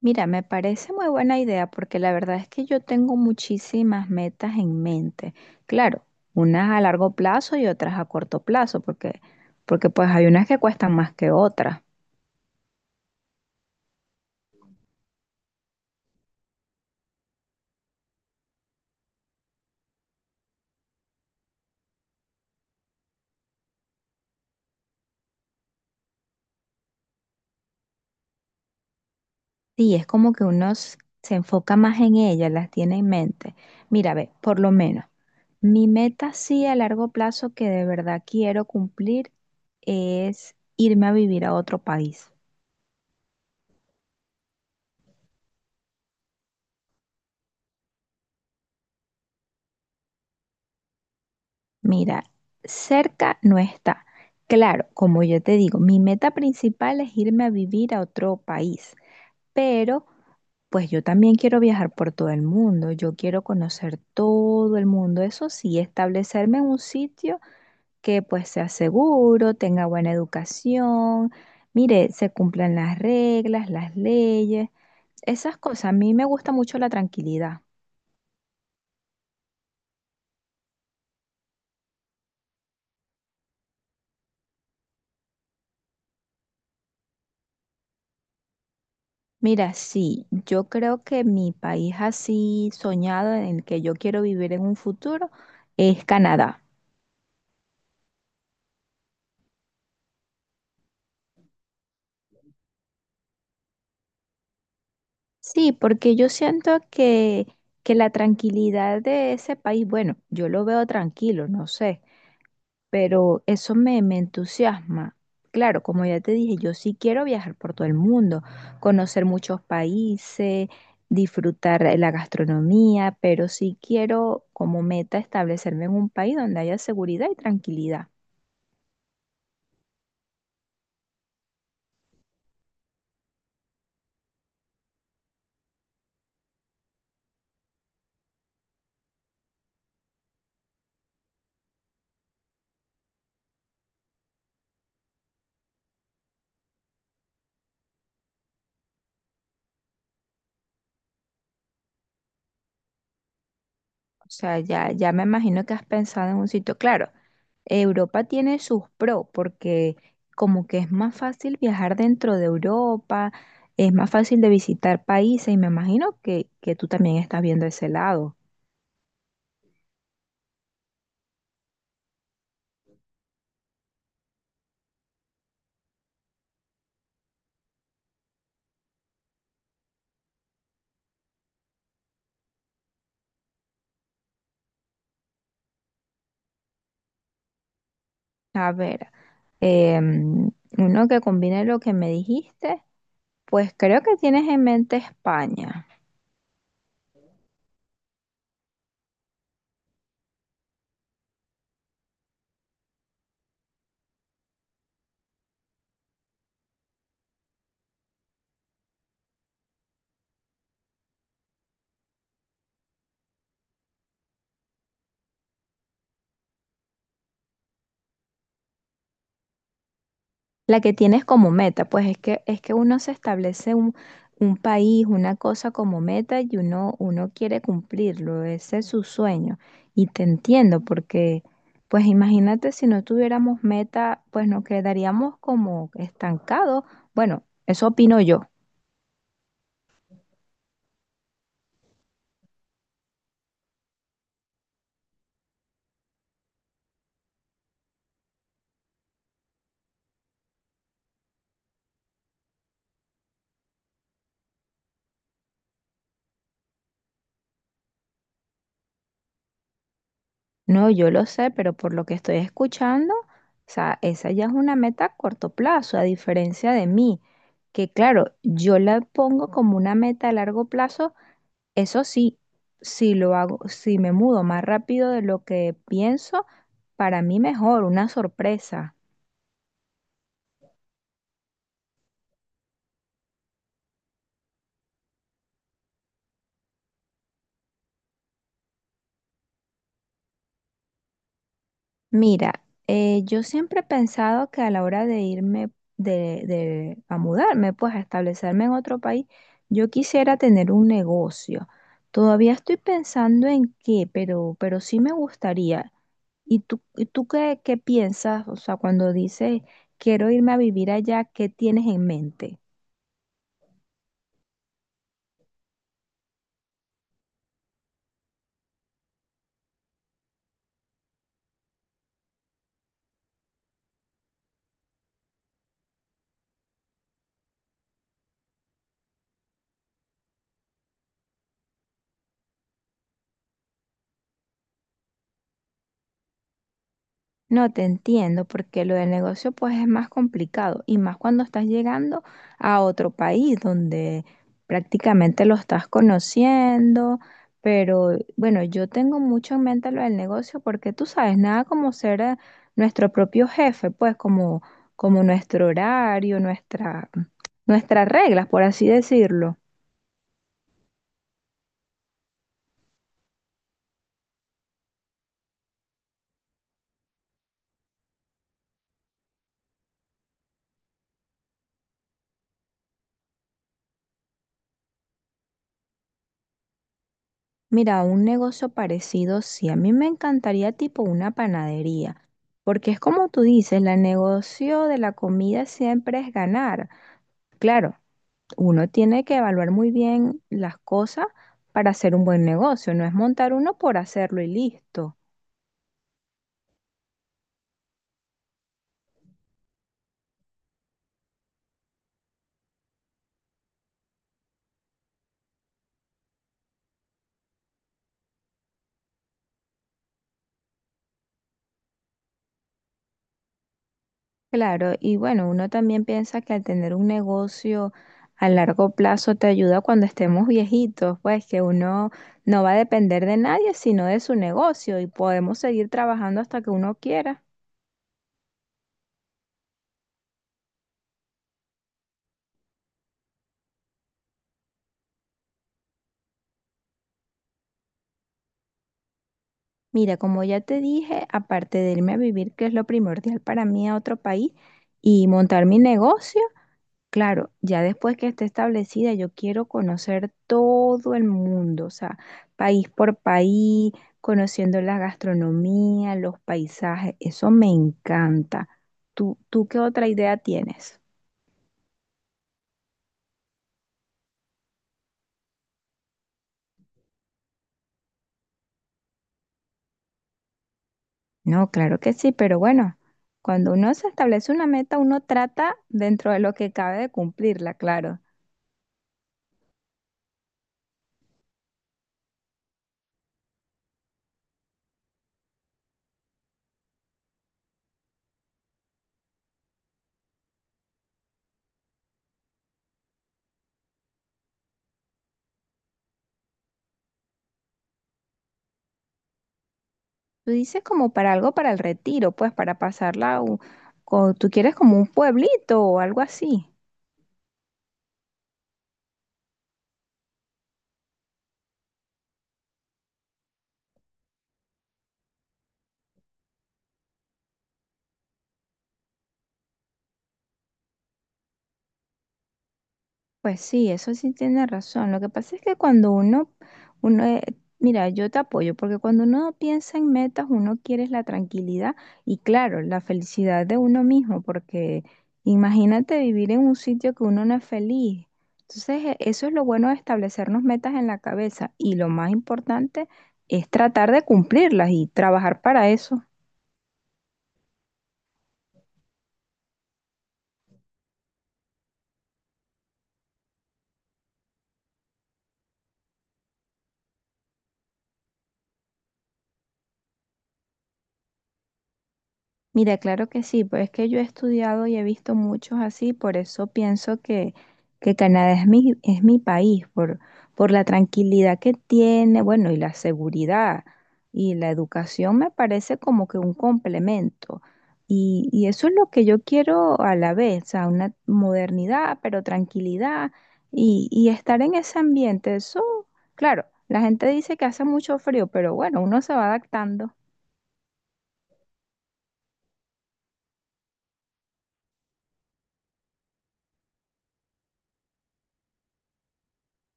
Mira, me parece muy buena idea porque la verdad es que yo tengo muchísimas metas en mente. Claro, unas a largo plazo y otras a corto plazo, porque pues hay unas que cuestan más que otras. Sí, es como que se enfoca más en ellas, las tiene en mente. Mira, ve, por lo menos, mi meta sí a largo plazo que de verdad quiero cumplir es irme a vivir a otro país. Mira, cerca no está. Claro, como yo te digo, mi meta principal es irme a vivir a otro país, pero pues yo también quiero viajar por todo el mundo, yo quiero conocer todo el mundo, eso sí, establecerme en un sitio que pues sea seguro, tenga buena educación, mire, se cumplan las reglas, las leyes, esas cosas. A mí me gusta mucho la tranquilidad. Mira, sí, yo creo que mi país así soñado en el que yo quiero vivir en un futuro es Canadá. Sí, porque yo siento que, la tranquilidad de ese país, bueno, yo lo veo tranquilo, no sé, pero eso me entusiasma. Claro, como ya te dije, yo sí quiero viajar por todo el mundo, conocer muchos países, disfrutar la gastronomía, pero sí quiero como meta establecerme en un país donde haya seguridad y tranquilidad. O sea, ya me imagino que has pensado en un sitio. Claro, Europa tiene sus pros porque como que es más fácil viajar dentro de Europa, es más fácil de visitar países y me imagino que tú también estás viendo ese lado. A ver, em, uno que combine lo que me dijiste, pues creo que tienes en mente España. La que tienes como meta, pues es que uno se establece un país, una cosa como meta y uno quiere cumplirlo, ese es su sueño. Y te entiendo, porque pues imagínate si no tuviéramos meta, pues nos quedaríamos como estancados. Bueno, eso opino yo. No, yo lo sé, pero por lo que estoy escuchando, o sea, esa ya es una meta a corto plazo, a diferencia de mí, que claro, yo la pongo como una meta a largo plazo. Eso sí, si lo hago, si me mudo más rápido de lo que pienso, para mí mejor, una sorpresa. Mira, yo siempre he pensado que a la hora de irme a mudarme, pues a establecerme en otro país, yo quisiera tener un negocio. Todavía estoy pensando en qué, pero sí me gustaría. ¿Y tú qué, qué piensas? O sea, cuando dices quiero irme a vivir allá, ¿qué tienes en mente? No te entiendo, porque lo del negocio pues es más complicado y más cuando estás llegando a otro país donde prácticamente lo estás conociendo, pero bueno, yo tengo mucho en mente lo del negocio porque tú sabes, nada como ser nuestro propio jefe, pues como, como nuestro horario, nuestras reglas, por así decirlo. Mira, un negocio parecido, sí, a mí me encantaría tipo una panadería. Porque es como tú dices, el negocio de la comida siempre es ganar. Claro, uno tiene que evaluar muy bien las cosas para hacer un buen negocio, no es montar uno por hacerlo y listo. Claro, y bueno, uno también piensa que al tener un negocio a largo plazo te ayuda cuando estemos viejitos, pues que uno no va a depender de nadie sino de su negocio y podemos seguir trabajando hasta que uno quiera. Mira, como ya te dije, aparte de irme a vivir, que es lo primordial para mí a otro país, y montar mi negocio, claro, ya después que esté establecida, yo quiero conocer todo el mundo, o sea, país por país, conociendo la gastronomía, los paisajes, eso me encanta. Tú qué otra idea tienes? No, claro que sí, pero bueno, cuando uno se establece una meta, uno trata dentro de lo que cabe de cumplirla, claro. Tú dices como para algo para el retiro, pues para pasarla, tú quieres como un pueblito o algo así. Pues sí, eso sí tiene razón. Lo que pasa es que cuando uno, mira, yo te apoyo, porque cuando uno piensa en metas, uno quiere es la tranquilidad y claro, la felicidad de uno mismo, porque imagínate vivir en un sitio que uno no es feliz. Entonces, eso es lo bueno de establecernos metas en la cabeza y lo más importante es tratar de cumplirlas y trabajar para eso. Mira, claro que sí, pues es que yo he estudiado y he visto muchos así, por eso pienso que Canadá es mi país, por la tranquilidad que tiene, bueno, y la seguridad y la educación me parece como que un complemento. Y eso es lo que yo quiero a la vez, o sea, una modernidad, pero tranquilidad y estar en ese ambiente. Eso, claro, la gente dice que hace mucho frío, pero bueno, uno se va adaptando.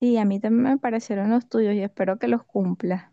Sí, a mí también me parecieron los tuyos y espero que los cumpla.